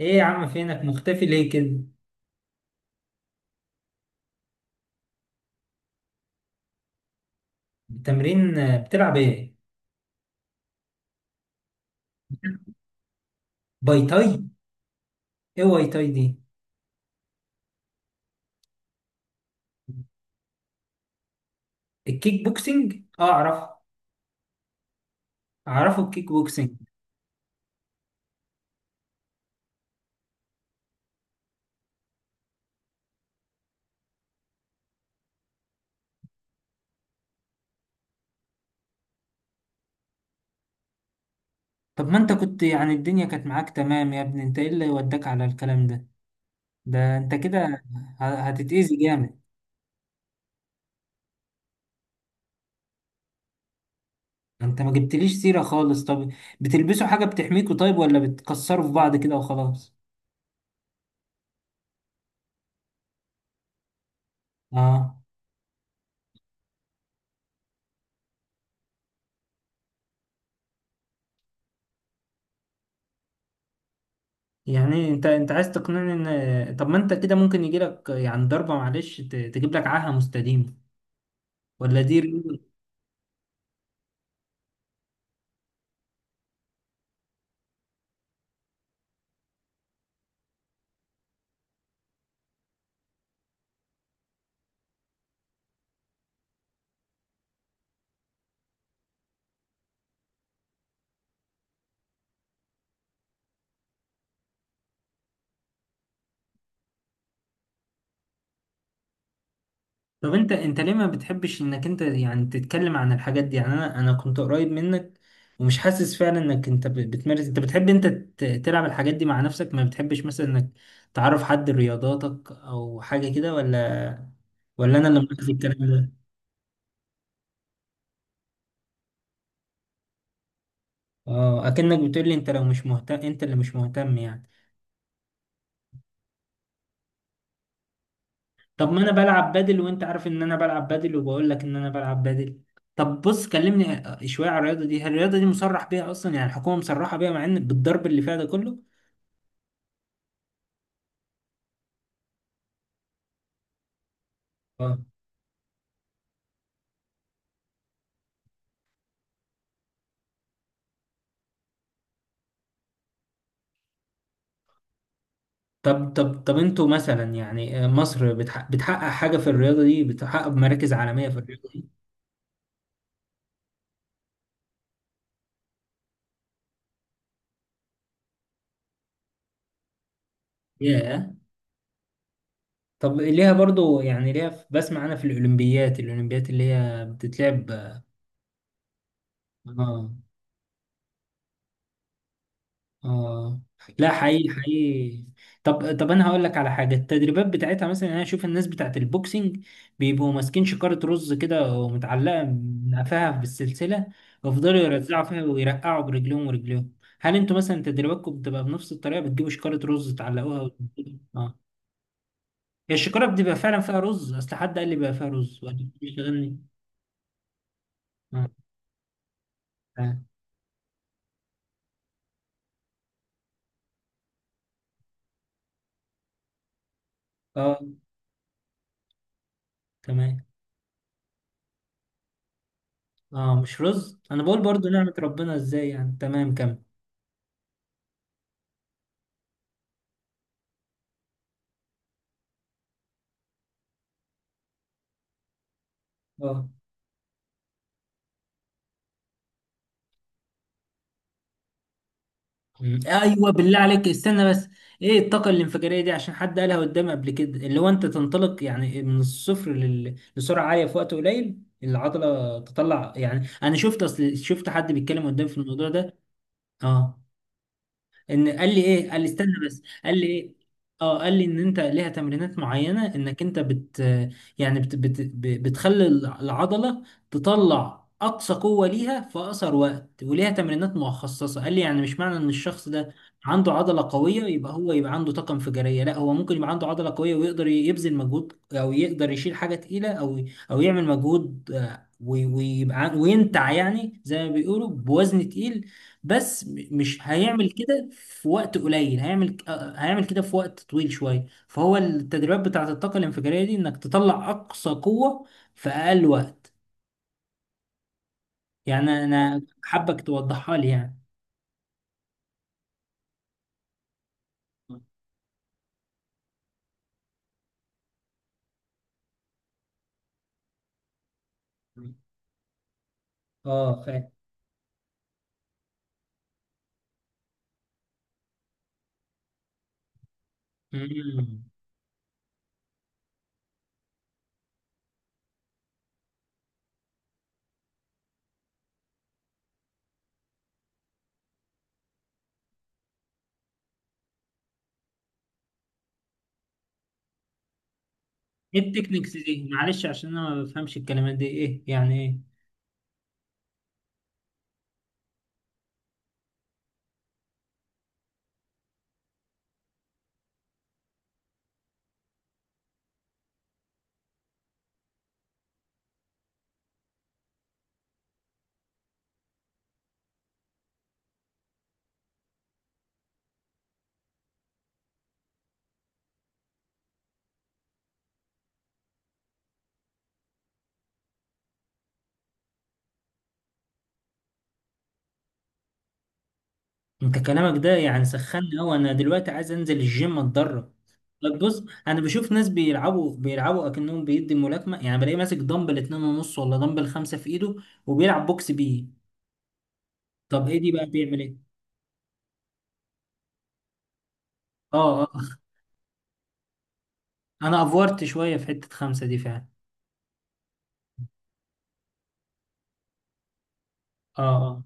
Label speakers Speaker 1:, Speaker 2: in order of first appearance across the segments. Speaker 1: ايه يا عم، فينك مختفي ليه كده؟ التمرين، بتلعب ايه؟ باي تاي؟ ايه واي تاي دي؟ الكيك بوكسينج، اه، اعرفه. اعرفه الكيك بوكسينج. طب ما انت كنت يعني الدنيا كانت معاك تمام يا ابني، انت ايه اللي وداك على الكلام ده؟ ده انت كده، هتتأذي جامد. انت ما جبتليش سيرة خالص. طب، بتلبسوا حاجة بتحميكوا طيب ولا بتكسروا في بعض كده وخلاص؟ اه. يعني انت عايز تقنعني ان، طب ما انت كده ممكن يجيلك يعني ضربة، معلش تجيب لك عاهة مستديمة، ولا دي رياضة؟ طب انت ليه ما بتحبش انك انت يعني تتكلم عن الحاجات دي؟ يعني انا كنت قريب منك ومش حاسس فعلا انك انت بتمارس. انت بتحب انت تلعب الحاجات دي مع نفسك، ما بتحبش مثلا انك تعرف حد رياضاتك او حاجة كده، ولا انا اللي مركز الكلام ده؟ اه، اكنك بتقول لي انت لو مش مهتم، انت اللي مش مهتم يعني. طب ما انا بلعب بادل، وانت عارف ان انا بلعب بادل، وبقول لك ان انا بلعب بادل. طب بص، كلمني شوية على الرياضة دي. هل الرياضة دي مصرح بيها اصلا؟ يعني الحكومة مصرحة بيها مع ان بالضرب اللي فيها ده كله؟ اه. طب انتوا مثلا يعني مصر بتحقق حاجة في الرياضة دي، بتحقق مراكز عالمية في الرياضة دي؟ ياه. طب ليها برضو يعني، ليها بسمع انا في الأولمبيات اللي هي بتتلعب. اه، اه. لا، حقيقي حقيقي. طب انا هقول لك على حاجه. التدريبات بتاعتها مثلا، انا اشوف الناس بتاعت البوكسنج بيبقوا ماسكين شكاره رز كده، ومتعلقه من قفاها بالسلسله، ويفضلوا يرزعوا فيها ويرقعوا برجليهم ورجليهم. هل انتوا مثلا تدريباتكم بتبقى بنفس الطريقه؟ بتجيبوا شكاره رز تعلقوها و... اه، هي الشكاره بتبقى فعلا فيها رز؟ اصل حد قال لي بقى فيها رز وقال لي بيشتغلني. اه، اه. آه، تمام. اه، مش رز. انا بقول برضو نعمه ربنا ازاي يعني. تمام، كمل. اه. مم. ايوه، بالله عليك استنى بس. ايه الطاقه الانفجاريه دي؟ عشان حد قالها قدامي قبل كده، اللي هو انت تنطلق يعني من الصفر لسرعه عاليه في وقت قليل، العضله تطلع. يعني انا شفت، اصل شفت حد بيتكلم قدام في الموضوع ده. اه، ان قال لي ايه؟ قال لي استنى بس، قال لي ايه؟ اه، قال لي ان انت ليها تمرينات معينه، انك انت يعني بتخلي العضله تطلع اقصى قوه ليها في اقصر وقت، وليها تمرينات مخصصه. قال لي يعني مش معنى ان الشخص ده عنده عضله قويه يبقى هو يبقى عنده طاقه انفجاريه. لا، هو ممكن يبقى عنده عضله قويه ويقدر يبذل مجهود، او يقدر يشيل حاجه تقيله، او يعمل مجهود، ويبقى وينتع يعني زي ما بيقولوا بوزن تقيل، بس مش هيعمل كده في وقت قليل، هيعمل كده في وقت طويل شوية. فهو التدريبات بتاعة الطاقة الانفجارية دي، انك تطلع اقصى قوة في اقل وقت. يعني انا حابك توضحها لي يعني. اه، فاهم. مم. ايه التكنيكس دي؟ معلش عشان انا ما بفهمش الكلمات دي، ايه يعني ايه؟ انت كلامك ده يعني سخنني قوي، انا دلوقتي عايز انزل الجيم اتدرب. طب بص، انا بشوف ناس بيلعبوا اكنهم بيدي ملاكمه، يعني بلاقي ماسك دمبل 2.5 ولا دمبل 5 في ايده، وبيلعب بوكس بيه. طب ايه دي بقى؟ بيعمل ايه؟ اه، اه، انا افورت شويه في حته 5 دي فعلا. اه، اه،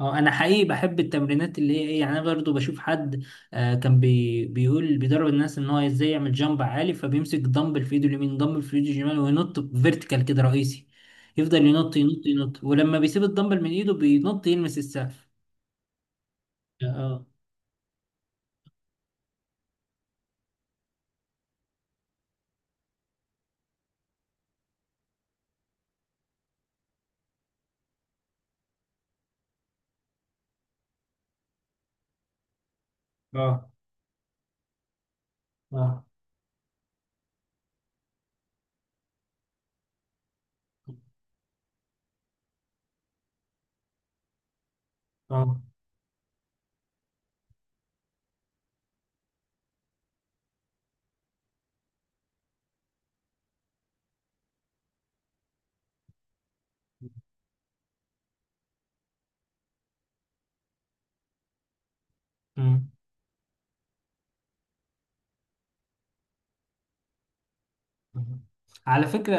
Speaker 1: اه. انا حقيقي بحب التمرينات اللي هي ايه، يعني انا برضه بشوف حد كان بيقول بيدرب الناس ان هو ازاي يعمل جامب عالي، فبيمسك دمبل في ايده اليمين، دمبل في ايده الشمال، وينط فيرتيكال كده رئيسي، يفضل ينط ينط ينط، ولما بيسيب الدمبل من ايده بينط يلمس السقف. اه، اه، اه، اه. مم. مهم. على فكرة،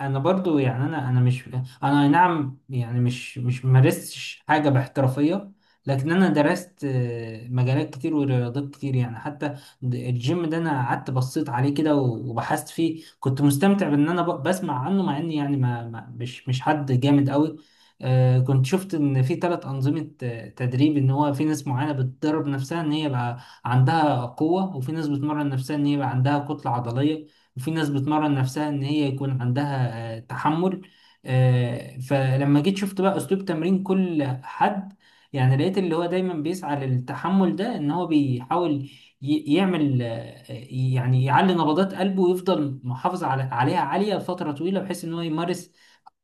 Speaker 1: أنا برضو يعني أنا مش، أنا أي نعم يعني مش مارستش حاجة باحترافية، لكن أنا درست مجالات كتير ورياضات كتير، يعني حتى الجيم ده، أنا قعدت بصيت عليه كده وبحثت فيه، كنت مستمتع بإن أنا بسمع عنه، مع إني يعني مش حد جامد قوي. كنت شفت إن في ثلاث أنظمة تدريب، إن هو في ناس معينة بتدرب نفسها إن هي بقى عندها قوة، وفي ناس بتمرن نفسها إن هي بقى عندها كتلة عضلية، وفي ناس بتمرن نفسها ان هي يكون عندها تحمل. فلما جيت شفت بقى اسلوب تمرين كل حد. يعني لقيت اللي هو دايما بيسعى للتحمل ده، ان هو بيحاول يعمل يعني يعلي نبضات قلبه ويفضل محافظ عليها عالية لفترة طويلة، بحيث ان هو يمارس،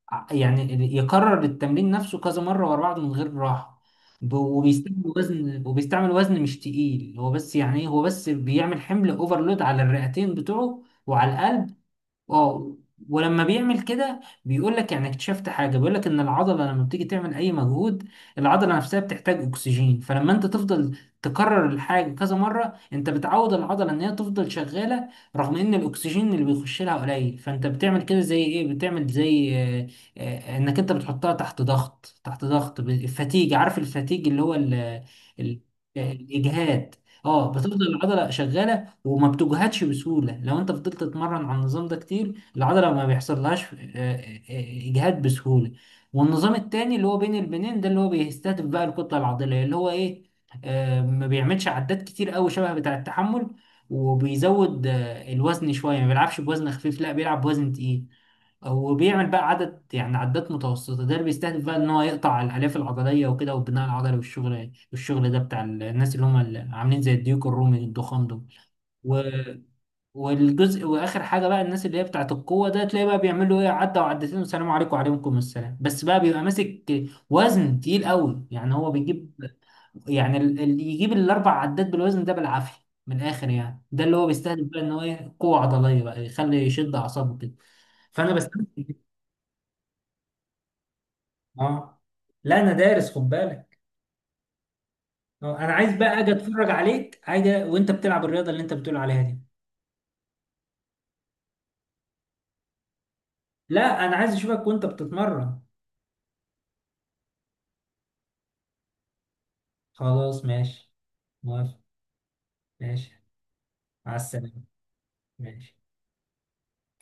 Speaker 1: يعني يكرر التمرين نفسه كذا مرة ورا بعض من غير راحة، وبيستعمل وزن مش تقيل. هو بس يعني هو بس بيعمل حمل اوفرلود على الرئتين بتوعه وعلى القلب. اه، ولما بيعمل كده بيقول لك يعني اكتشفت حاجه، بيقول لك ان العضله لما بتيجي تعمل اي مجهود، العضله نفسها بتحتاج اكسجين. فلما انت تفضل تكرر الحاجه كذا مره، انت بتعود العضله ان هي تفضل شغاله رغم ان الاكسجين اللي بيخش لها قليل. فانت بتعمل كده زي ايه، بتعمل زي انك انت بتحطها تحت ضغط الفتيج، عارف الفتيج اللي هو ال ال آه، الاجهاد. اه، بتفضل العضله شغاله وما بتجهدش بسهولة. لو انت فضلت تتمرن على النظام ده كتير، العضلة ما بيحصلهاش اجهاد بسهولة. والنظام التاني اللي هو بين البنين ده، اللي هو بيستهدف بقى الكتلة العضلية، اللي هو ايه، ما بيعملش عدات كتير قوي شبه بتاع التحمل، وبيزود الوزن شوية، ما بيلعبش بوزن خفيف، لا بيلعب بوزن تقيل، وبيعمل بقى عدد يعني عدات متوسطة. ده اللي بيستهدف بقى ان هو يقطع الالياف العضلية وكده، والبناء العضلي، والشغل ده بتاع الناس اللي هم اللي عاملين زي الديوك الرومي الضخام دول. والجزء واخر حاجه بقى، الناس اللي هي بتاعت القوه ده، تلاقي بقى بيعملوا ايه، عدى وعدتين والسلام عليكم وعليكم السلام، بس بقى بيبقى ماسك وزن تقيل قوي. يعني هو بيجيب يعني اللي يجيب الاربع عدات بالوزن ده بالعافيه من الاخر، يعني ده اللي هو بيستهدف بقى ان هو ايه، قوه عضليه، بقى يخلي يشد اعصابه كده، فانا بستمتع بيه. اه، لا انا دارس، خد بالك. انا عايز بقى اجي اتفرج عليك حاجه وانت بتلعب الرياضه اللي انت بتقول عليها دي. لا، انا عايز اشوفك وانت بتتمرن. خلاص، ماشي. موافق. ماشي. مع السلامة. ماشي.